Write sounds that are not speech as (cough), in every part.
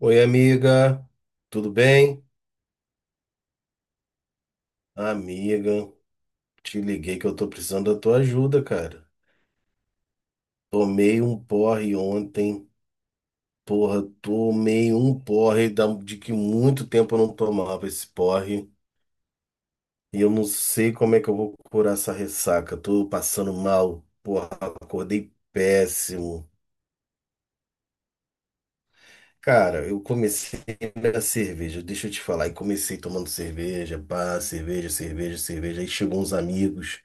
Oi, amiga, tudo bem? Amiga, te liguei que eu tô precisando da tua ajuda, cara. Tomei um porre ontem, porra, tomei um porre de que muito tempo eu não tomava esse porre. E eu não sei como é que eu vou curar essa ressaca. Tô passando mal, porra, acordei péssimo. Cara, eu comecei na cerveja, deixa eu te falar, e comecei tomando cerveja, pá, cerveja, cerveja, cerveja. Aí chegou uns amigos.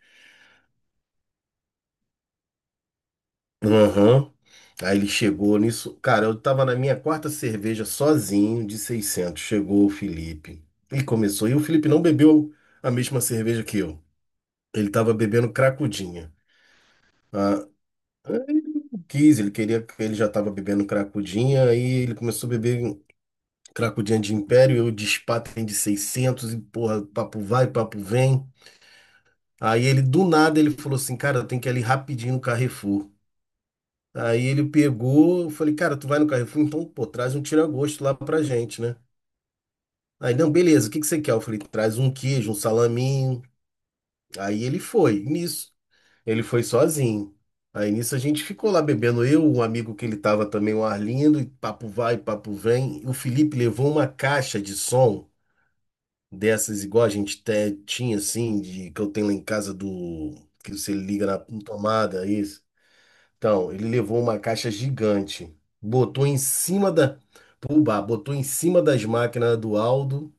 Aham. Aí ele chegou nisso. Cara, eu tava na minha quarta cerveja sozinho de 600. Chegou o Felipe. E começou. E o Felipe não bebeu a mesma cerveja que eu. Ele tava bebendo cracudinha. Ah, eu quis, ele queria, ele já tava bebendo cracudinha. Aí ele começou a beber cracudinha de Império. Eu de Spaten de 600. E porra, papo vai, papo vem. Aí ele, do nada, ele falou assim: cara, eu tenho que ir ali rapidinho no Carrefour. Aí ele pegou, eu falei, cara, tu vai no Carrefour, então, pô, traz um tira-gosto lá pra gente, né? Aí, não, beleza, o que que você quer? Eu falei, traz um queijo, um salaminho. Aí ele foi, nisso. Ele foi sozinho. Aí nisso a gente ficou lá bebendo, eu, um amigo que ele tava também, o Arlindo, e papo vai, papo vem. O Felipe levou uma caixa de som dessas, igual a gente tinha, assim, de, que eu tenho lá em casa do, que você liga na tomada, isso. Então, ele levou uma caixa gigante, botou em cima da. Pô, botou em cima das máquinas do Aldo,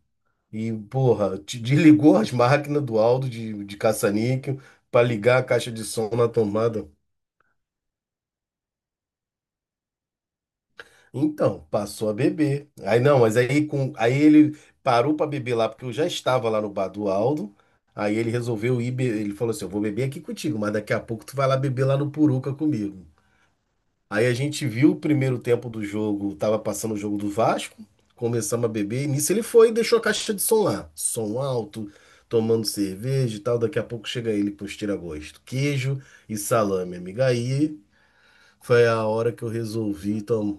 e, porra, te desligou as máquinas do Aldo de caça-níquel para ligar a caixa de som na tomada. Então, passou a beber. Aí não, mas aí, aí ele parou para beber lá, porque eu já estava lá no bar do Aldo. Aí ele resolveu ir, ele falou assim: eu vou beber aqui contigo, mas daqui a pouco tu vai lá beber lá no Puruca comigo. Aí a gente viu o primeiro tempo do jogo, tava passando o jogo do Vasco, começamos a beber, e nisso ele foi e deixou a caixa de som lá. Som alto, tomando cerveja e tal. Daqui a pouco chega ele com os tira-gosto, queijo e salame, amiga. Aí foi a hora que eu resolvi tomar.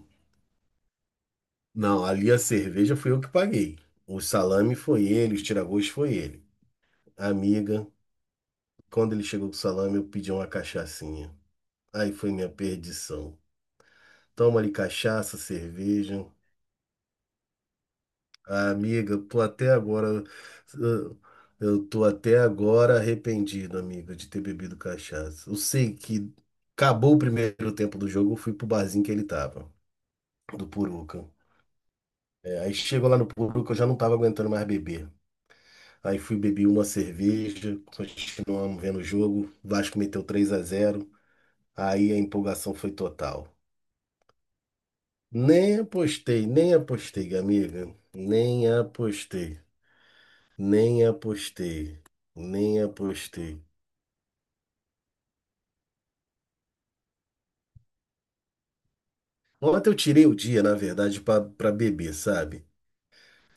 Não, ali a cerveja foi eu que paguei. O salame foi ele, os tira-gosto foi ele. Amiga, quando ele chegou com o salame, eu pedi uma cachaçinha. Aí foi minha perdição. Toma ali cachaça, cerveja. Ah, amiga, tô até agora. Eu eu tô até agora arrependido, amiga, de ter bebido cachaça. Eu sei que acabou o primeiro tempo do jogo, eu fui pro barzinho que ele tava, do Puruca. É, aí chegou lá no Puruca, eu já não tava aguentando mais beber. Aí fui beber uma cerveja, continuamos vendo o jogo. Vasco meteu 3-0. Aí a empolgação foi total. Nem apostei, nem apostei, amiga. Nem apostei. Nem apostei. Nem apostei. Ontem eu tirei o dia, na verdade, pra beber, sabe?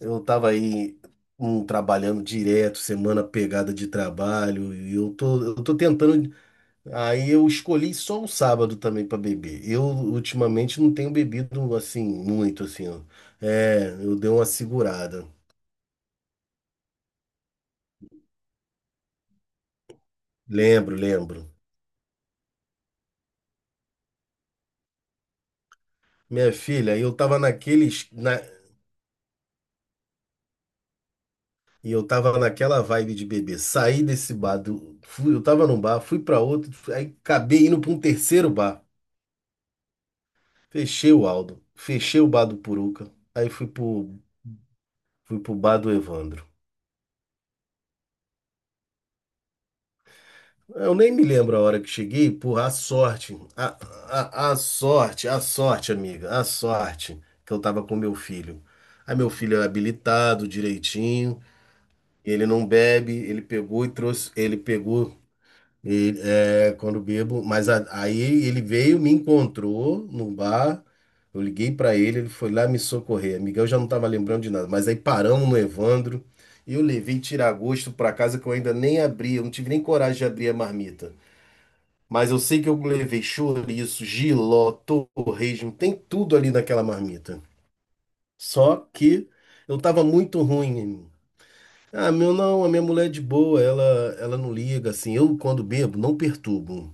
Eu tava aí trabalhando direto, semana pegada de trabalho, e eu tô tentando. Aí eu escolhi só o sábado também pra beber. Eu ultimamente não tenho bebido assim, muito assim, ó. É, eu dei uma segurada. Lembro, lembro. Minha filha, eu tava naqueles. E eu tava naquela vibe de bebê. Saí desse bar, fui, eu tava num bar, fui pra outro, aí acabei indo pra um terceiro bar. Fechei o Aldo, fechei o bar do Puruca, aí fui pro bar do Evandro. Eu nem me lembro a hora que cheguei, porra, a sorte, amiga, a sorte que eu tava com meu filho. Aí meu filho era habilitado direitinho, ele não bebe, ele pegou e trouxe, ele pegou. E, é, quando bebo, mas aí ele veio, me encontrou no bar, eu liguei pra ele, ele foi lá me socorrer. Miguel já não tava lembrando de nada, mas aí paramos no Evandro e eu levei tira-gosto pra casa que eu ainda nem abri, eu não tive nem coragem de abrir a marmita. Mas eu sei que eu levei chouriço, jiló, torresmo, tem tudo ali naquela marmita. Só que eu tava muito ruim. Ah, meu não, a minha mulher é de boa, ela não liga assim. Eu quando bebo não perturbo.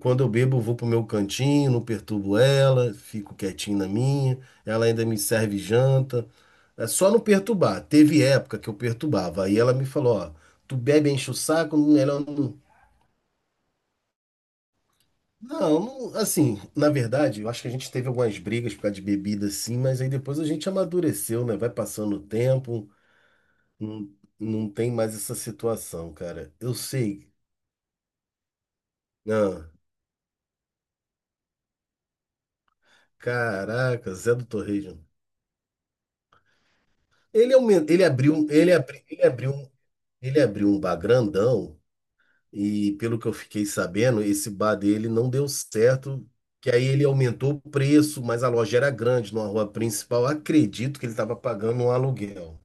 Quando eu bebo, eu vou pro meu cantinho, não perturbo ela, fico quietinho na minha, ela ainda me serve janta. É só não perturbar. Teve época que eu perturbava. Aí ela me falou, ó, tu bebe, enche o saco, melhor não. Não, assim, na verdade, eu acho que a gente teve algumas brigas por causa de bebida, sim, mas aí depois a gente amadureceu, né? Vai passando o tempo, não, não tem mais essa situação, cara. Eu sei. Não, caraca, Zé do Torrejão. Ele, aumen- ele abriu, um, ele abriu, ele abriu. um Ele abriu um bar grandão e, pelo que eu fiquei sabendo, esse bar dele não deu certo, que aí ele aumentou o preço, mas a loja era grande, numa rua principal. Acredito que ele estava pagando um aluguel.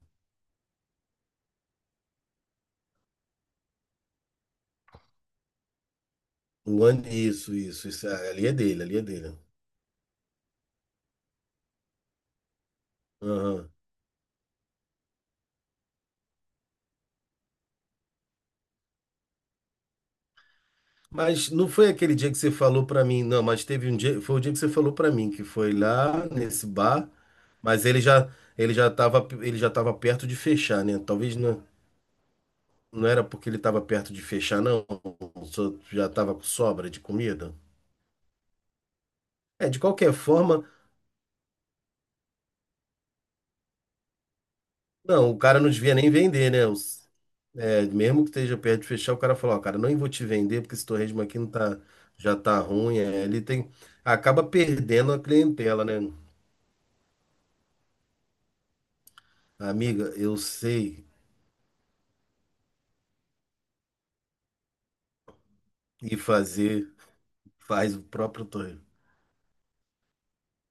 O ano, isso, é, ali é dele, ali é dele. Aham. Mas não foi aquele dia que você falou para mim, não, mas teve um dia, foi o dia que você falou para mim que foi lá nesse bar, mas ele já estava perto de fechar, né? Talvez não. Não era porque ele estava perto de fechar, não. Já estava com sobra de comida. É, de qualquer forma, não, o cara não devia nem vender, né? Mesmo que esteja perto de fechar, o cara falou, ó, cara, não vou te vender porque esse torresmo aqui não tá, já tá ruim. É, ele tem, acaba perdendo a clientela, né? Amiga, eu sei e fazer, faz o próprio torresmo.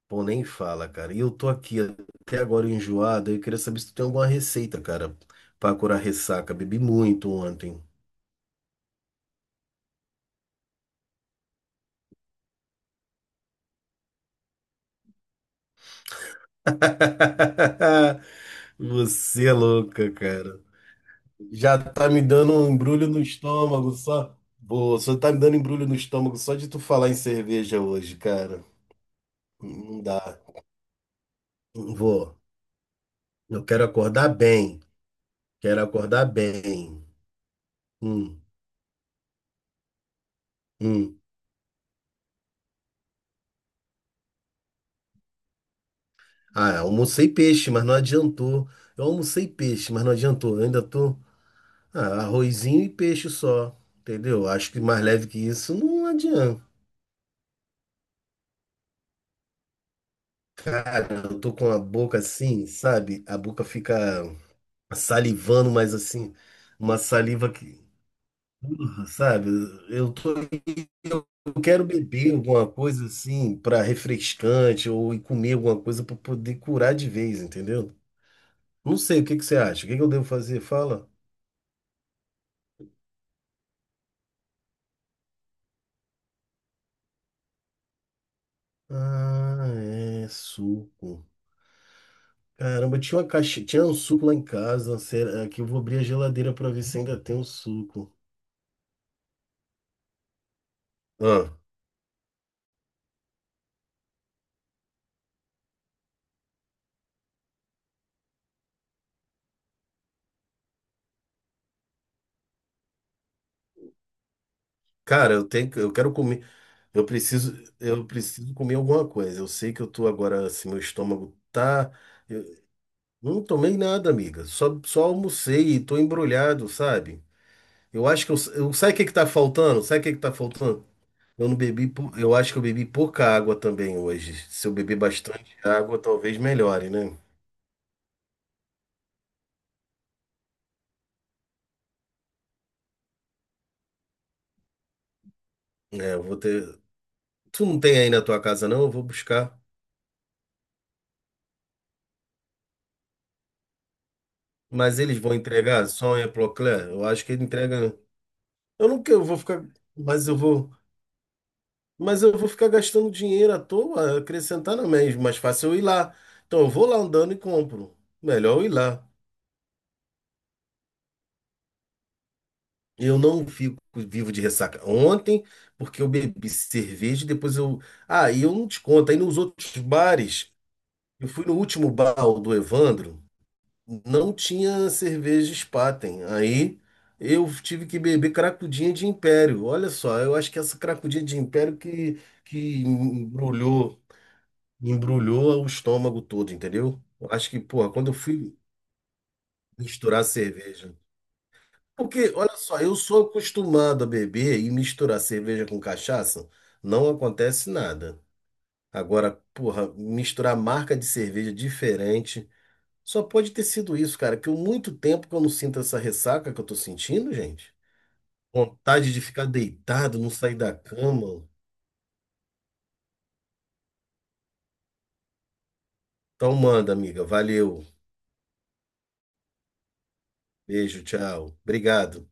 Pô, nem fala, cara. E eu tô aqui até agora enjoado, eu queria saber se tu tem alguma receita, cara, pra curar ressaca. Bebi muito ontem. (laughs) Você é louca, cara. Já tá me dando um embrulho no estômago só. Boa, só tá me dando embrulho no estômago só de tu falar em cerveja hoje, cara. Não dá. Não vou. Eu quero acordar bem. Quero acordar bem. Hum, hum. Ah, almocei peixe, mas não adiantou. Eu almocei peixe, mas não adiantou. Eu ainda tô. Ah, arrozinho e peixe só. Entendeu? Acho que mais leve que isso não adianta. Cara, eu tô com a boca assim, sabe? A boca fica salivando, mas assim, uma saliva que, sabe? Eu tô, eu quero beber alguma coisa assim para refrescante ou ir comer alguma coisa para poder curar de vez, entendeu? Não sei, o que que você acha? O que que eu devo fazer? Fala. Ah, é suco. Caramba, tinha uma caixa, tinha um suco lá em casa. Será que eu vou abrir a geladeira para ver se ainda tem um suco? Ah, cara, eu tenho, eu quero comer. Eu preciso, eu preciso comer alguma coisa. Eu sei que eu tô agora, assim, meu estômago tá. Eu não tomei nada, amiga. Só almocei e tô embrulhado, sabe? Eu acho que sabe o que que tá faltando? Sabe o que que tá faltando? Eu não bebi, eu acho que eu bebi pouca água também hoje. Se eu beber bastante água, talvez melhore, né? É, eu vou ter. Tu não tem aí na tua casa, não? Eu vou buscar. Mas eles vão entregar? Sonha, Procler? Eu acho que ele entrega. Eu não quero, eu vou ficar. Mas eu vou. Mas eu vou ficar gastando dinheiro à toa, acrescentar não mesmo. Mais fácil eu ir lá. Então eu vou lá andando e compro. Melhor eu ir lá. Eu não fico vivo de ressaca. Ontem, porque eu bebi cerveja, e depois eu. Ah, e eu não te conto. Aí nos outros bares, eu fui no último bar o do Evandro, não tinha cerveja Spaten. Aí eu tive que beber cracudinha de Império. Olha só, eu acho que essa cracudinha de Império que embrulhou. embrulhou. O estômago todo, entendeu? Eu acho que, porra, quando eu fui misturar cerveja. Porque, olha só, eu sou acostumado a beber e misturar cerveja com cachaça, não acontece nada. Agora, porra, misturar marca de cerveja diferente, só pode ter sido isso, cara, que eu muito tempo que eu não sinto essa ressaca que eu tô sentindo, gente. Vontade de ficar deitado, não sair da cama. Então manda, amiga. Valeu. Beijo, tchau. Obrigado.